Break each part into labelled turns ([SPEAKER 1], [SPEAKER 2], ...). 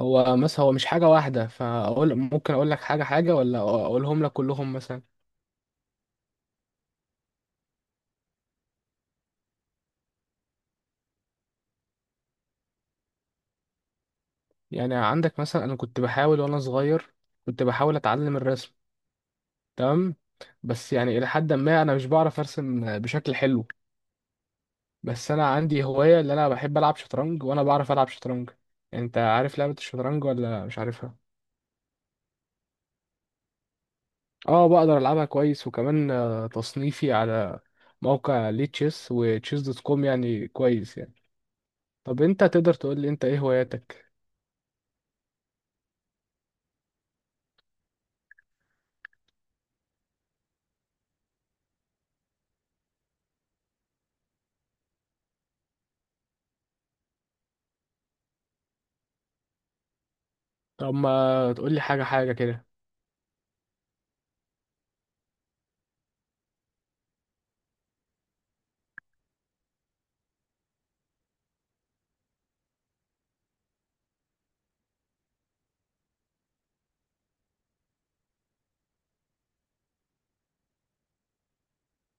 [SPEAKER 1] هو مش حاجة واحدة فأقول ممكن أقول لك حاجة حاجة ولا أقولهم لك كلهم مثلا. يعني عندك مثلا، أنا كنت بحاول وأنا صغير كنت بحاول أتعلم الرسم. تمام. بس يعني إلى حد ما أنا مش بعرف أرسم بشكل حلو. بس أنا عندي هواية اللي أنا بحب ألعب شطرنج وأنا بعرف ألعب شطرنج. أنت عارف لعبة الشطرنج ولا مش عارفها؟ أه بقدر ألعبها كويس، وكمان تصنيفي على موقع ليه تشيس وتشيس دوت كوم يعني كويس يعني. طب أنت تقدر تقول لي أنت إيه هواياتك؟ طب ما تقول لي حاجة حاجة كده.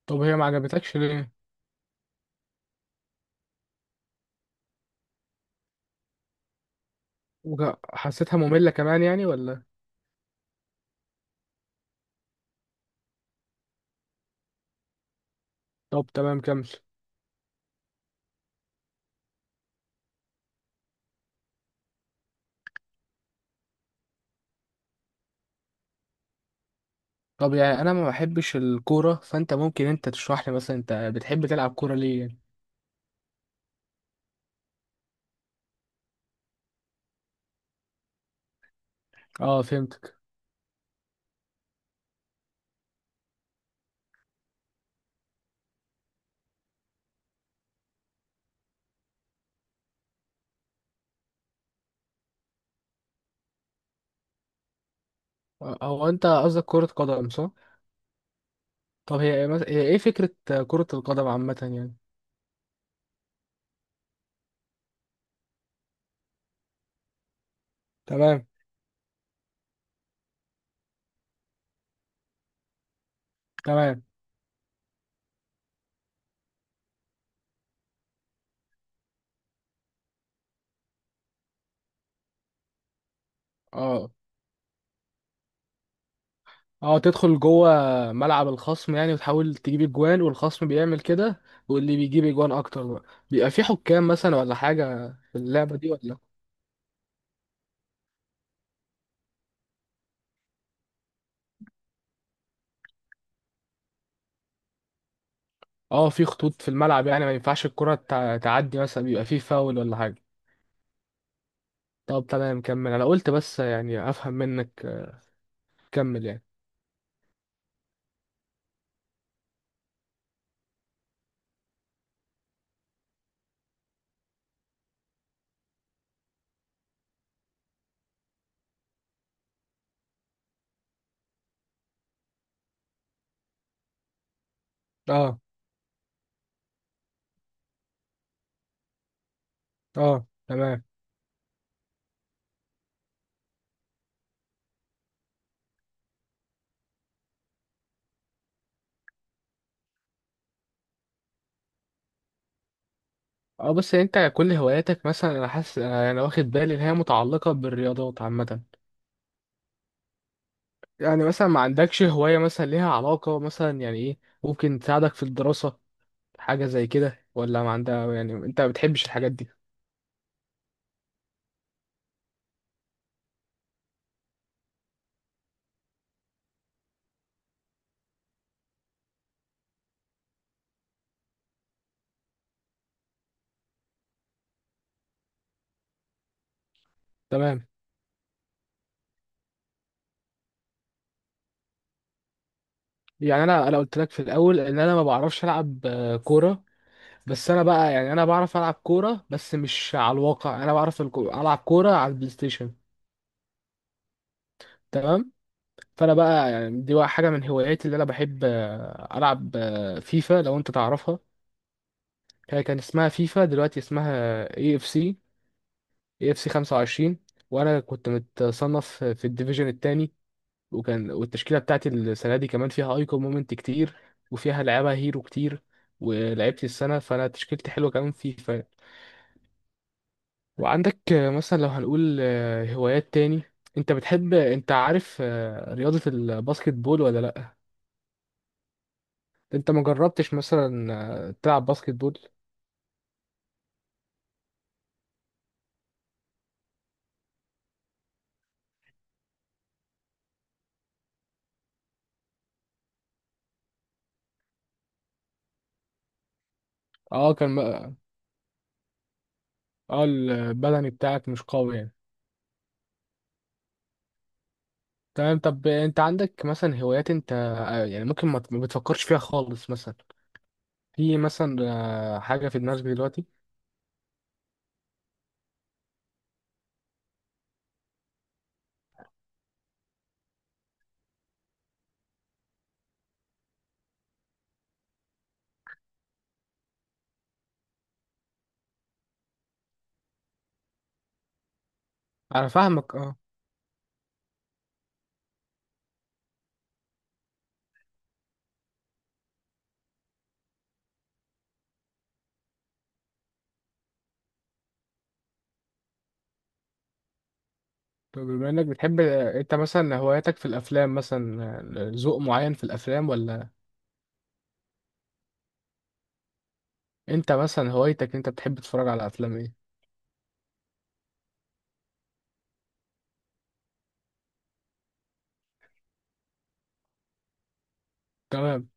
[SPEAKER 1] طب هي ما عجبتكش ليه؟ حسيتها مملة كمان يعني ولا؟ طب تمام، كمل. طب يعني انا ما بحبش الكورة، فانت ممكن انت تشرح لي، مثلا انت بتحب تلعب كورة ليه يعني؟ اه فهمتك. هو انت قصدك كرة قدم صح؟ طب هي هي ايه فكرة كرة القدم عامة يعني؟ تمام. تمام. اه. اه تدخل جوه ملعب الخصم يعني وتحاول تجيب اجوان والخصم بيعمل كده، واللي بيجيب اجوان اكتر بقى. بيبقى في حكام مثلا ولا حاجة في اللعبة دي ولا؟ اه في خطوط في الملعب يعني ما ينفعش الكرة تعدي، مثلا بيبقى في فاول ولا حاجة. طب تمام كمل، انا قلت بس يعني افهم منك. كمل يعني. اه. اه تمام. اه بس انت كل هواياتك مثلا، انا حاسس، انا أنا واخد بالي ان هي متعلقة بالرياضات عامة. يعني مثلا ما عندكش هواية مثلا ليها علاقة مثلا يعني ايه، ممكن تساعدك في الدراسة، حاجة زي كده؟ ولا ما عندها يعني انت ما بتحبش الحاجات دي؟ تمام. يعني انا قلت لك في الاول ان انا ما بعرفش العب كوره، بس انا بقى يعني انا بعرف العب كوره بس مش على الواقع، انا بعرف العب كوره على البلاي ستيشن. تمام. فانا بقى يعني دي بقى حاجه من هواياتي اللي انا بحب العب فيفا، لو انت تعرفها. هي كان اسمها فيفا، دلوقتي اسمها EA FC. EA FC 25. وانا كنت متصنف في الديفيجن التاني. وكان والتشكيله بتاعتي السنه دي كمان فيها ايكون مومنت كتير، وفيها لعيبه هيرو كتير، ولعبت السنه، فانا تشكيلتي حلوه كمان فيفا. وعندك مثلا لو هنقول هوايات تاني، انت بتحب، انت عارف رياضة الباسكت بول ولا لا؟ انت ما جربتش مثلا تلعب باسكت بول؟ اه كان اه البدني بتاعك مش قوي يعني. تمام. طب انت عندك مثلا هوايات، انت يعني ممكن ما بتفكرش فيها خالص، مثلا في مثلا حاجة في دماغك دلوقتي؟ انا فاهمك اه. طب بما انك بتحب انت مثلا هواياتك في الافلام مثلا، ذوق معين في الافلام ولا؟ انت مثلا هوايتك، انت بتحب تتفرج على افلام ايه؟ تمام.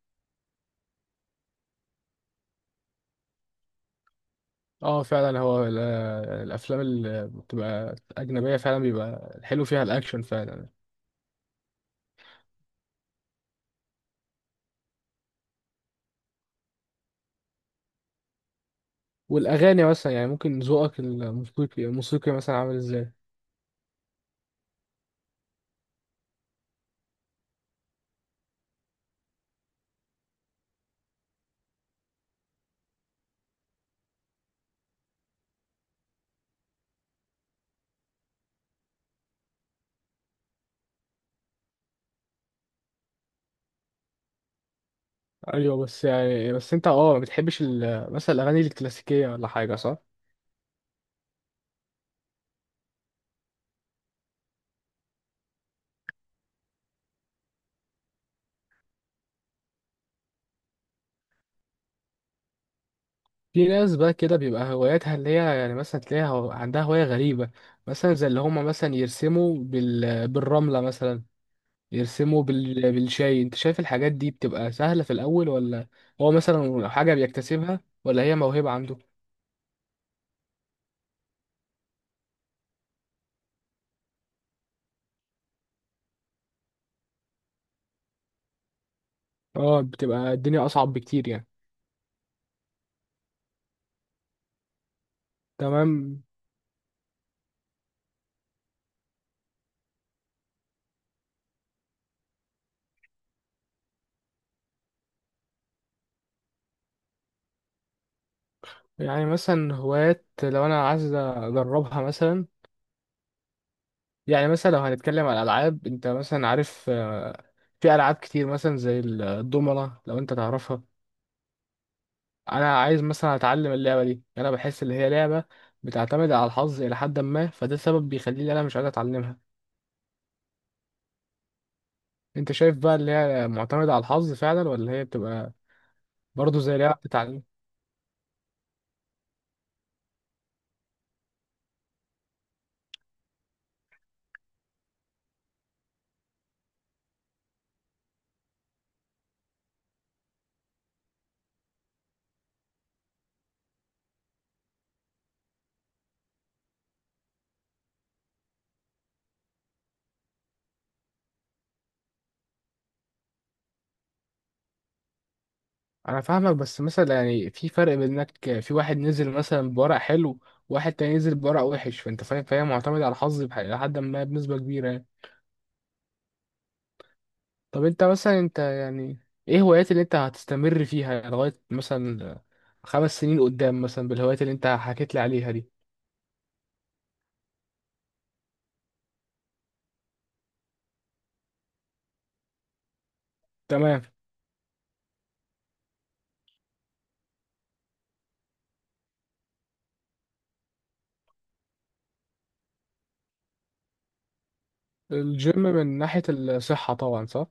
[SPEAKER 1] اه فعلا، هو الافلام اللي بتبقى اجنبيه فعلا بيبقى الحلو فيها الاكشن فعلا. والاغاني مثلا يعني ممكن ذوقك الموسيقي الموسيقي مثلا عامل ازاي؟ ايوه بس يعني، بس انت اه ما بتحبش مثلا الاغاني الكلاسيكيه ولا حاجه صح؟ في ناس بقى كده بيبقى هواياتها اللي هي يعني مثلا تلاقيها عندها هوايه غريبه، مثلا زي اللي هم مثلا يرسموا بالرمله، مثلا يرسموا بالشاي. انت شايف الحاجات دي بتبقى سهلة في الأول ولا؟ هو مثلا حاجة بيكتسبها ولا هي موهبة عنده؟ اه بتبقى الدنيا أصعب بكتير يعني. تمام. يعني مثلا هوايات لو أنا عايز أجربها مثلا، يعني مثلا لو هنتكلم على الألعاب، انت مثلا عارف في ألعاب كتير مثلا زي الضمنة، لو انت تعرفها؟ أنا عايز مثلا أتعلم اللعبة دي، أنا بحس إن هي لعبة بتعتمد على الحظ إلى حد ما، فده سبب بيخليني أنا مش عايز أتعلمها. انت شايف بقى اللي هي معتمدة على الحظ فعلا، ولا هي بتبقى برضه زي لعبة تعليم؟ انا فاهمك، بس مثلا يعني في فرق بين انك في واحد نزل مثلا بورق حلو، وواحد تاني نزل بورق وحش، فانت فاهم، فهي معتمدة على الحظ لحد ما بنسبة كبيرة يعني. طب انت مثلا، انت يعني ايه هوايات اللي انت هتستمر فيها لغاية مثلا 5 سنين قدام مثلا، بالهوايات اللي انت حكيت لي عليها دي؟ تمام. الجيم من ناحية الصحة طبعا صح.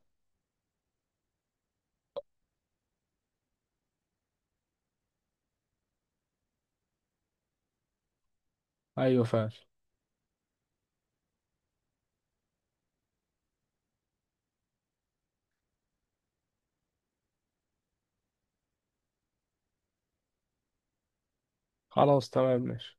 [SPEAKER 1] ايوه فعلا. خلاص تمام ماشي.